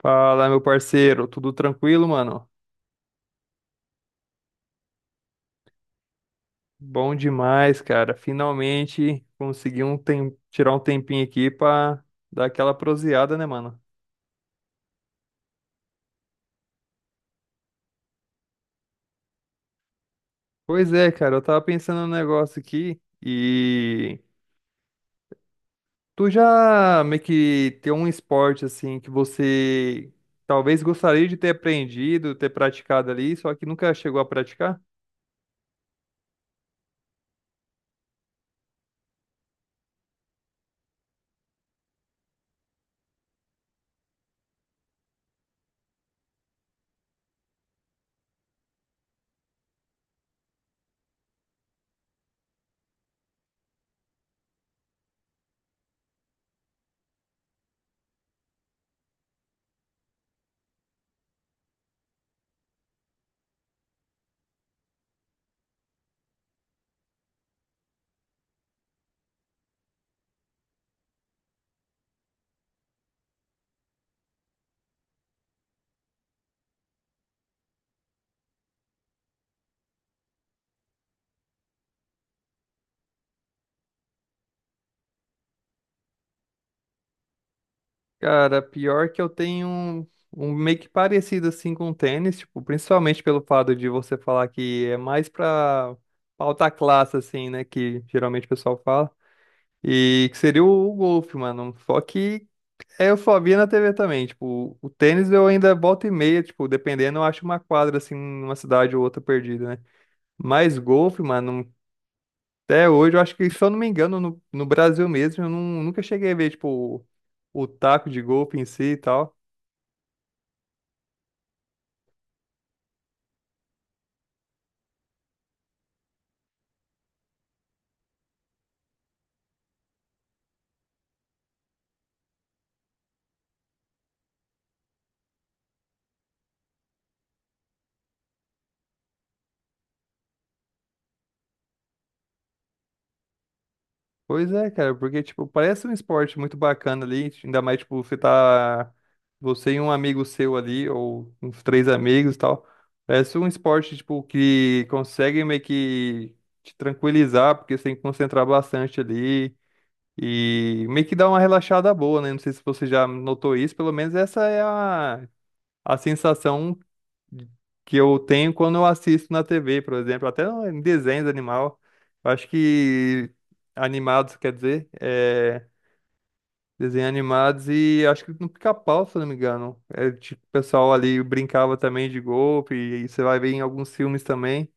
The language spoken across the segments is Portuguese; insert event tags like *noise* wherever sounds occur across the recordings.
Fala, meu parceiro, tudo tranquilo, mano? Bom demais, cara. Finalmente consegui tirar um tempinho aqui pra dar aquela proseada, né, mano? Pois é, cara, eu tava pensando num negócio aqui e tu já meio que tem um esporte assim que você talvez gostaria de ter aprendido, ter praticado ali, só que nunca chegou a praticar? Cara, pior que um meio que parecido assim com o tênis, tipo, principalmente pelo fato de você falar que é mais pra alta classe, assim, né? Que geralmente o pessoal fala. E que seria o golfe, mano. Só que é, eu só via na TV também. Tipo, o tênis eu ainda volta e meia, tipo, dependendo, eu acho uma quadra assim, numa cidade ou outra perdida, né? Mas golfe, mano, até hoje, eu acho que, se eu não me engano, no Brasil mesmo, eu não, nunca cheguei a ver, tipo, o taco de golfe em si e tal. Pois é, cara, porque, tipo, parece um esporte muito bacana ali, ainda mais, tipo, você e um amigo seu ali, ou uns três amigos e tal, parece um esporte, tipo, que consegue meio que te tranquilizar, porque você tem que concentrar bastante ali, e meio que dá uma relaxada boa, né? Não sei se você já notou isso, pelo menos a sensação que eu tenho quando eu assisto na TV, por exemplo, até em desenhos animal. Eu acho que animados, quer dizer, é, desenhos animados e acho que no Pica-Pau, se eu não me engano. É, tipo, o pessoal ali brincava também de golpe, e você vai ver em alguns filmes também.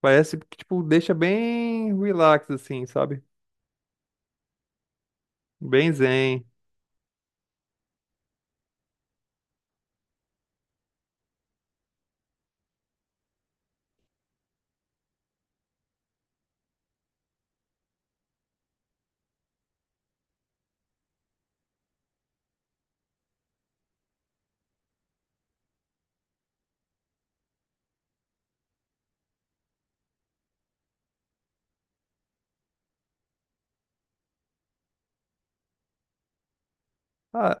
Parece que, tipo, deixa bem relax, assim, sabe? Bem zen. Ah,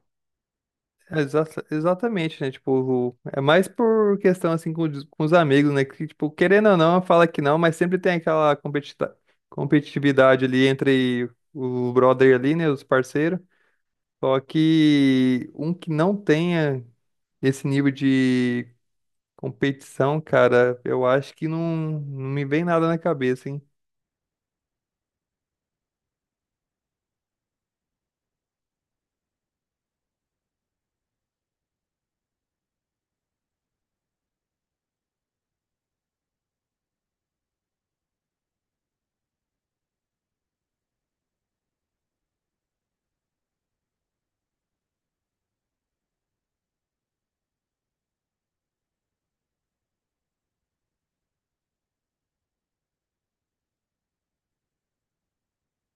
é, exatamente, né? Tipo, é mais por questão assim com os amigos, né? Que, tipo, querendo ou não, fala que não, mas sempre tem aquela competitividade ali entre o brother ali, né? Os parceiros. Só que um que não tenha esse nível de competição, cara, eu acho que não me vem nada na cabeça, hein?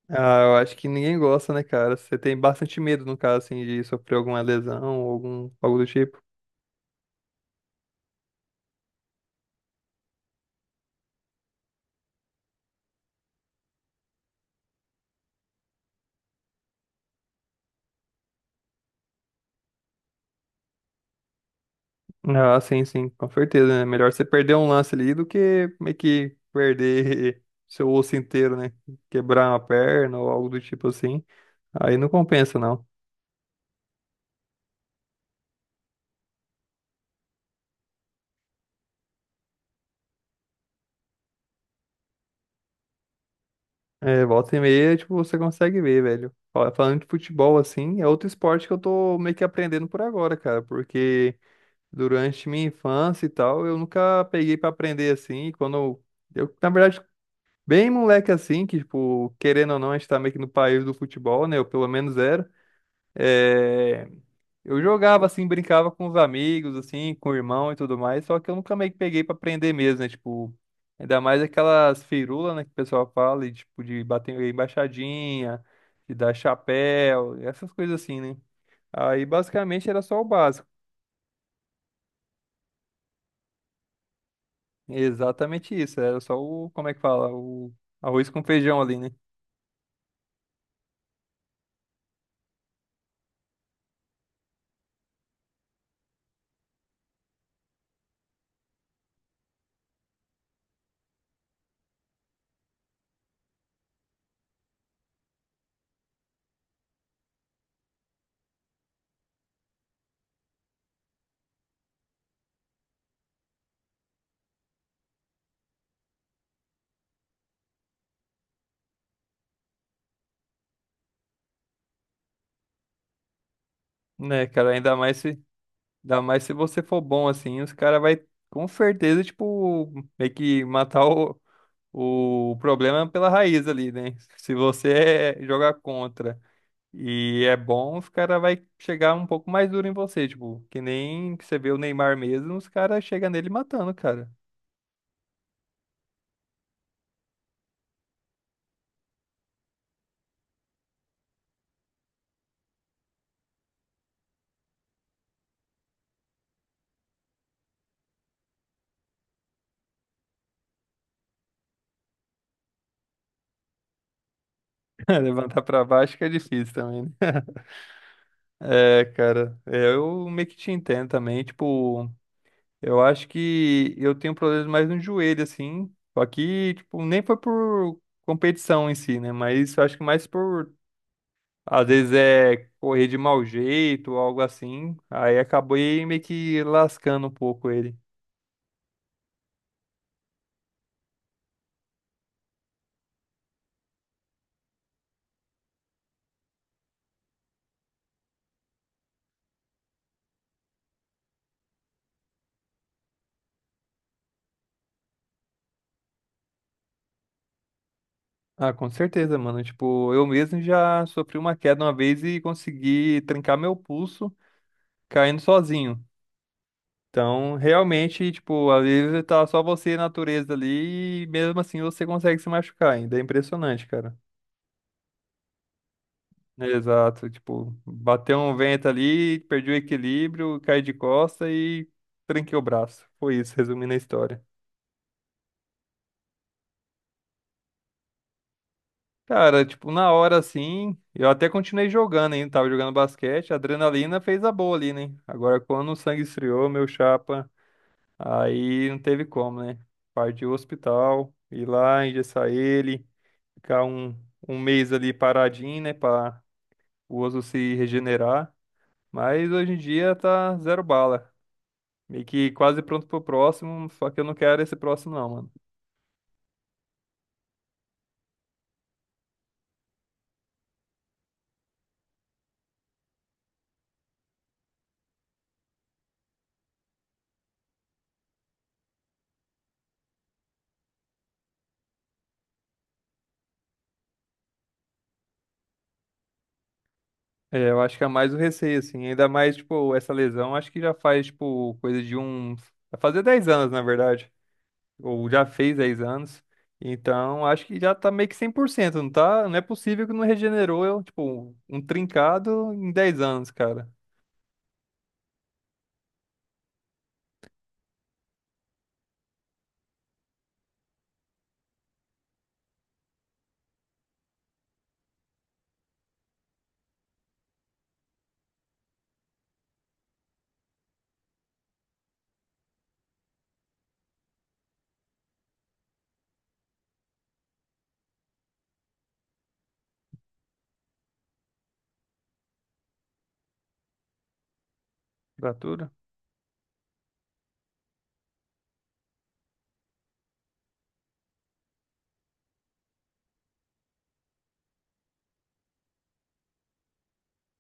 Ah, eu acho que ninguém gosta, né, cara? Você tem bastante medo, no caso, assim, de sofrer alguma lesão ou algum, algo do tipo. Ah, sim, sim, com certeza, né? Melhor você perder um lance ali do que meio que perder *laughs* seu osso inteiro, né? Quebrar uma perna ou algo do tipo assim. Aí não compensa, não. É, volta e meia, tipo, você consegue ver, velho. Ó, falando de futebol, assim, é outro esporte que eu tô meio que aprendendo por agora, cara, porque durante minha infância e tal, eu nunca peguei pra aprender assim. E quando na verdade, bem moleque assim, que, tipo, querendo ou não, a gente tá meio que no país do futebol, né? Eu pelo menos era. É, eu jogava assim, brincava com os amigos, assim, com o irmão e tudo mais, só que eu nunca meio que peguei pra aprender mesmo, né? Tipo, ainda mais aquelas firulas, né, que o pessoal fala, e, tipo, de bater embaixadinha, de dar chapéu, essas coisas assim, né? Aí basicamente era só o básico. Exatamente isso, era só como é que fala? O arroz com feijão ali, né? Né, cara, ainda mais se você for bom assim, os caras vai com certeza, tipo, meio que o problema é pela raiz ali, né? Se jogar contra e é bom, os caras vai chegar um pouco mais duro em você, tipo, que nem que você vê o Neymar mesmo, os caras chegam nele matando, cara. *laughs* Levantar pra baixo que é difícil também, né? É, cara, é, eu meio que te entendo também, tipo, eu acho que eu tenho problemas mais no joelho, assim, só que, tipo, nem foi por competição em si, né? Mas eu acho que mais por às vezes é correr de mau jeito ou algo assim. Aí acabei meio que lascando um pouco ele. Ah, com certeza, mano. Tipo, eu mesmo já sofri uma queda uma vez e consegui trincar meu pulso caindo sozinho. Então, realmente, tipo, às vezes tá só você e a natureza ali e mesmo assim você consegue se machucar ainda. É impressionante, cara. Exato. Tipo, bateu um vento ali, perdi o equilíbrio, caí de costa e trinquei o braço. Foi isso, resumindo a história. Cara, tipo, na hora assim, eu até continuei jogando ainda, tava jogando basquete, a adrenalina fez a boa ali, né? Agora, quando o sangue esfriou, meu chapa, aí não teve como, né? Partiu o hospital, ir lá, engessar ele, ficar um, um mês ali paradinho, né, pra o osso se regenerar. Mas hoje em dia tá zero bala, meio que quase pronto pro próximo, só que eu não quero esse próximo não. É, eu acho que é mais o receio, assim. Ainda mais, tipo, essa lesão, acho que já faz, tipo, coisa de uns. Vai fazer 10 anos, na verdade. Ou já fez 10 anos. Então, acho que já tá meio que 100%, não tá? Não é possível que não regenerou, eu, tipo, um trincado em 10 anos, cara. Fratura?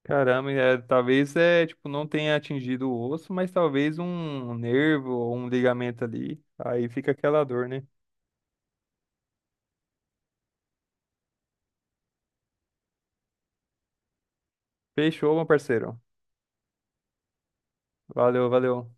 Caramba, é, talvez, é, tipo, não tenha atingido o osso, mas talvez um nervo ou um ligamento ali. Aí fica aquela dor, né? Fechou, meu parceiro. Valeu, valeu.